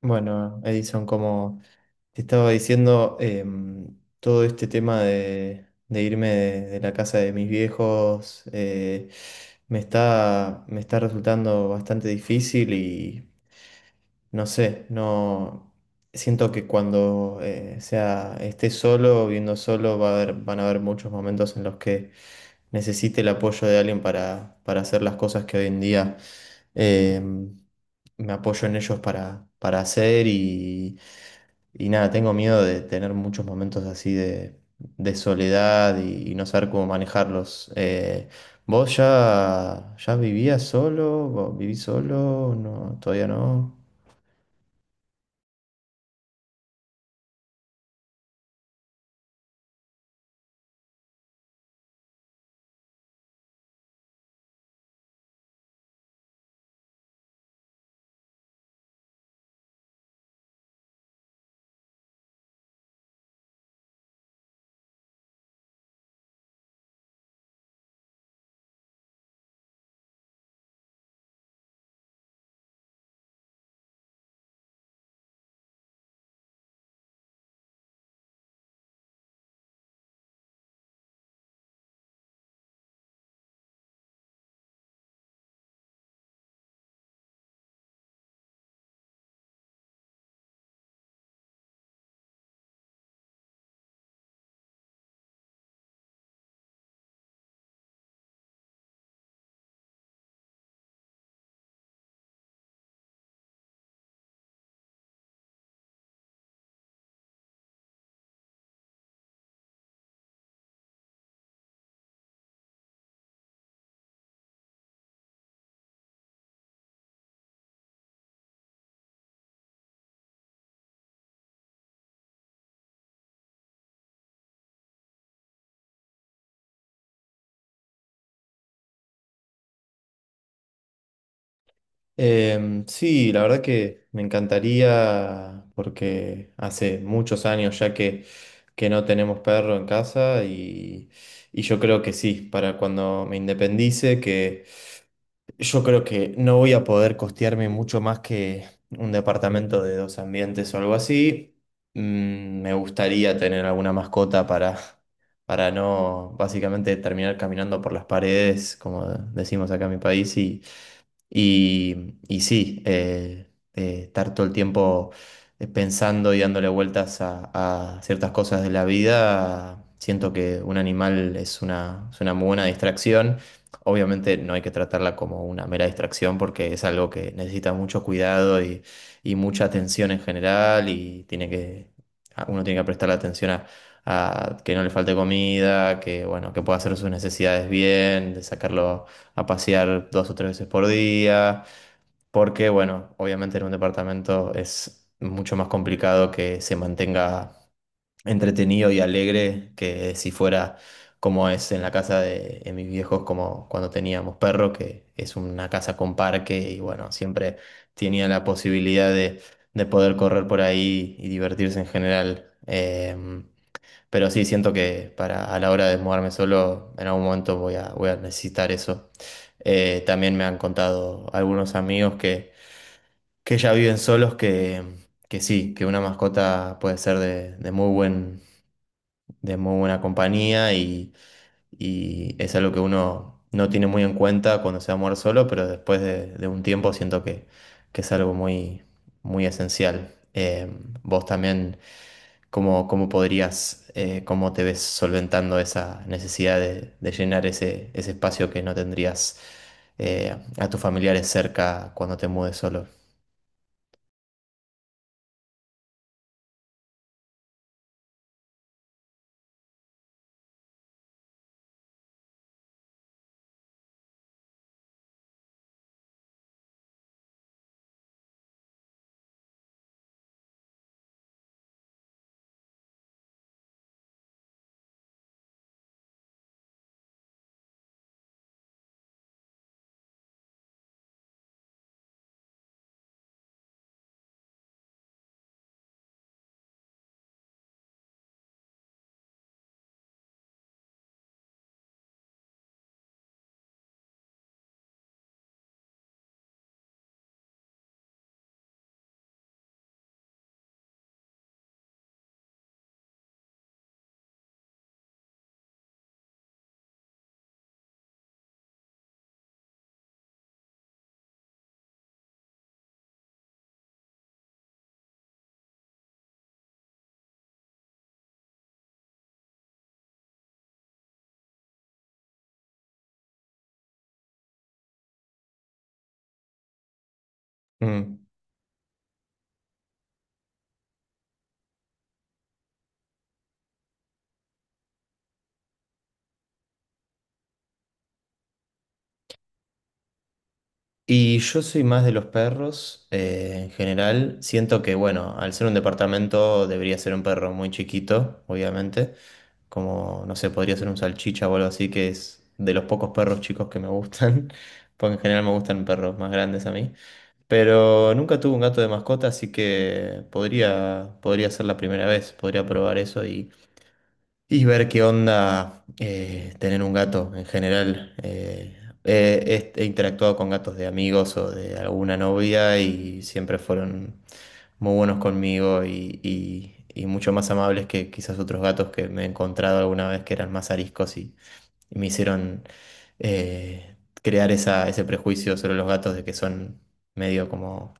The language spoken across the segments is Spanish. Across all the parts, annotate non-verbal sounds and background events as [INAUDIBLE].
Bueno, Edison, como te estaba diciendo, todo este tema de irme de la casa de mis viejos, me está resultando bastante difícil y no sé, no siento que cuando sea esté solo, viendo solo, van a haber muchos momentos en los que necesite el apoyo de alguien para hacer las cosas que hoy en día eh, me apoyo en ellos para hacer. Y, y nada, tengo miedo de tener muchos momentos así de soledad y no saber cómo manejarlos. ¿ ya vivías solo? ¿Vos ¿Vivís solo? No, todavía no. Sí, la verdad que me encantaría porque hace muchos años ya que no tenemos perro en casa, y yo creo que sí, para cuando me independice, que yo creo que no voy a poder costearme mucho más que un departamento de dos ambientes o algo así. Me gustaría tener alguna mascota para no básicamente terminar caminando por las paredes, como decimos acá en mi país. Y, y sí, estar todo el tiempo pensando y dándole vueltas a ciertas cosas de la vida. Siento que un animal es una muy buena distracción. Obviamente no hay que tratarla como una mera distracción, porque es algo que necesita mucho cuidado y mucha atención en general, y tiene uno tiene que prestar atención a que no le falte comida, que, bueno, que pueda hacer sus necesidades bien, de sacarlo a pasear dos o tres veces por día, porque bueno, obviamente en un departamento es mucho más complicado que se mantenga entretenido y alegre que si fuera como es en la casa de mis viejos, como cuando teníamos perro, que es una casa con parque, y bueno, siempre tenía la posibilidad de poder correr por ahí y divertirse en general. Pero sí, siento que para, a la hora de mudarme solo, en algún momento voy a, voy a necesitar eso. También me han contado algunos amigos que ya viven solos que sí, que una mascota puede ser de muy buena compañía, y es algo que uno no tiene muy en cuenta cuando se va a mover solo, pero después de un tiempo siento que es algo muy, muy esencial. Vos también, ¿cómo, cómo podrías, cómo te ves solventando esa necesidad de llenar ese, ese espacio que no tendrías, a tus familiares cerca cuando te mudes solo? Mm. Y yo soy más de los perros, en general. Siento que, bueno, al ser un departamento debería ser un perro muy chiquito, obviamente. Como, no sé, podría ser un salchicha o algo así, que es de los pocos perros chicos que me gustan. [LAUGHS] Porque en general me gustan perros más grandes a mí. Pero nunca tuve un gato de mascota, así que podría ser la primera vez. Podría probar eso y ver qué onda, tener un gato en general. He interactuado con gatos de amigos o de alguna novia, y siempre fueron muy buenos conmigo, y, y mucho más amables que quizás otros gatos que me he encontrado alguna vez que eran más ariscos, y me hicieron crear esa, ese prejuicio sobre los gatos de que son medio como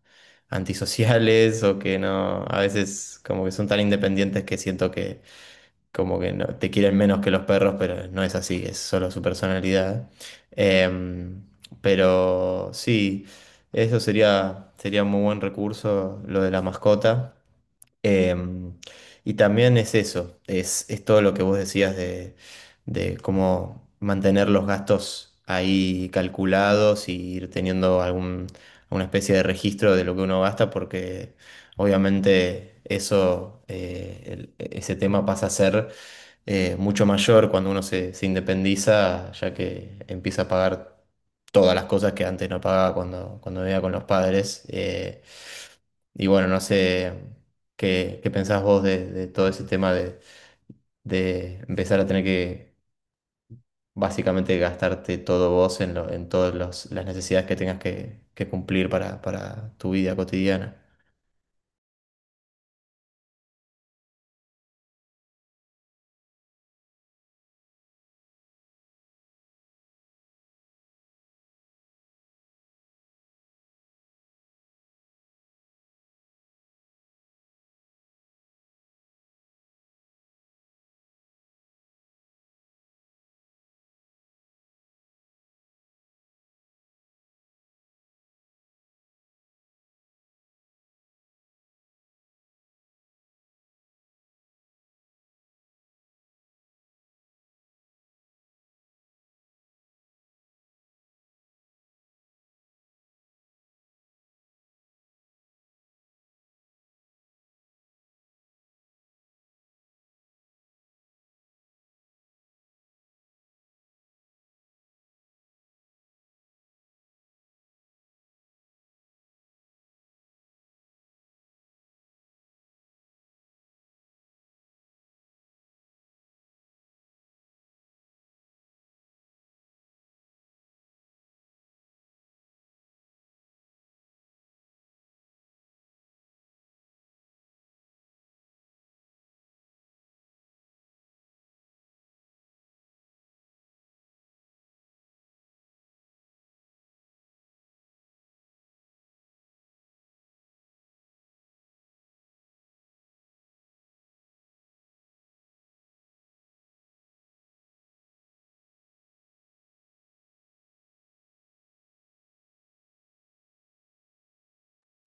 antisociales, o que no, a veces como que son tan independientes que siento como que no, te quieren menos que los perros, pero no es así, es solo su personalidad. Em, pero sí, eso sería, sería un muy buen recurso, lo de la mascota. Em, y también es eso, es todo lo que vos decías de cómo mantener los gastos ahí calculados y ir teniendo algún, alguna especie de registro de lo que uno gasta, porque obviamente eso, ese tema pasa a ser mucho mayor cuando uno se, se independiza, ya que empieza a pagar todas las cosas que antes no pagaba cuando, cuando vivía con los padres. Y bueno, no sé qué, qué pensás vos de todo ese tema de empezar a tener que básicamente gastarte todo vos en todas las necesidades que tengas que cumplir para tu vida cotidiana.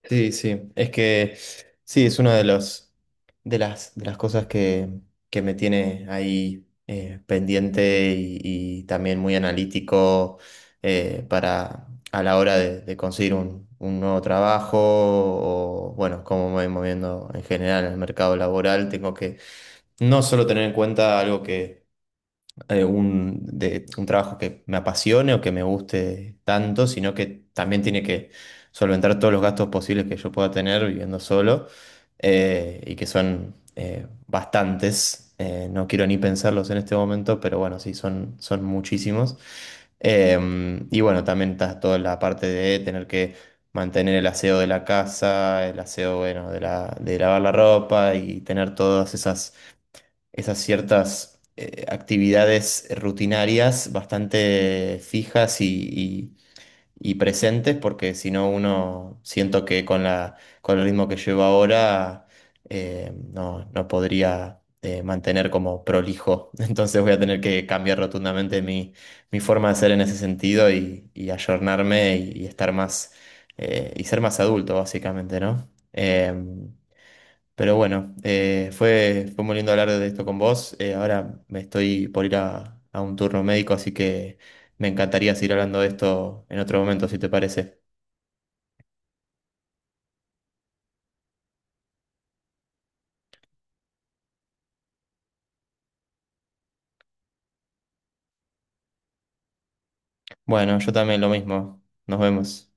Sí, sí, es que sí, es una de los, de las cosas que me tiene ahí, pendiente y también muy analítico, para a la hora de conseguir un nuevo trabajo, o bueno, cómo me voy moviendo en general en el mercado laboral. Tengo que no solo tener en cuenta algo, un trabajo que me apasione o que me guste tanto, sino que también tiene que solventar todos los gastos posibles que yo pueda tener viviendo solo, y que son, bastantes. No quiero ni pensarlos en este momento, pero bueno, sí, son, son muchísimos. Eh, y bueno, también está toda la parte de tener que mantener el aseo de la casa, el aseo, bueno, de lavar la ropa y tener todas esas esas ciertas, actividades rutinarias bastante fijas y presentes, porque si no uno siento que con la, con el ritmo que llevo ahora, no, no podría, mantener como prolijo. [LAUGHS] Entonces voy a tener que cambiar rotundamente mi, mi forma de ser en ese sentido, y ayornarme, y estar más, y ser más adulto, básicamente, ¿no? Pero bueno, fue, fue muy lindo hablar de esto con vos. Ahora me estoy por ir a un turno médico, así que me encantaría seguir hablando de esto en otro momento, si te parece. Bueno, yo también lo mismo. Nos vemos.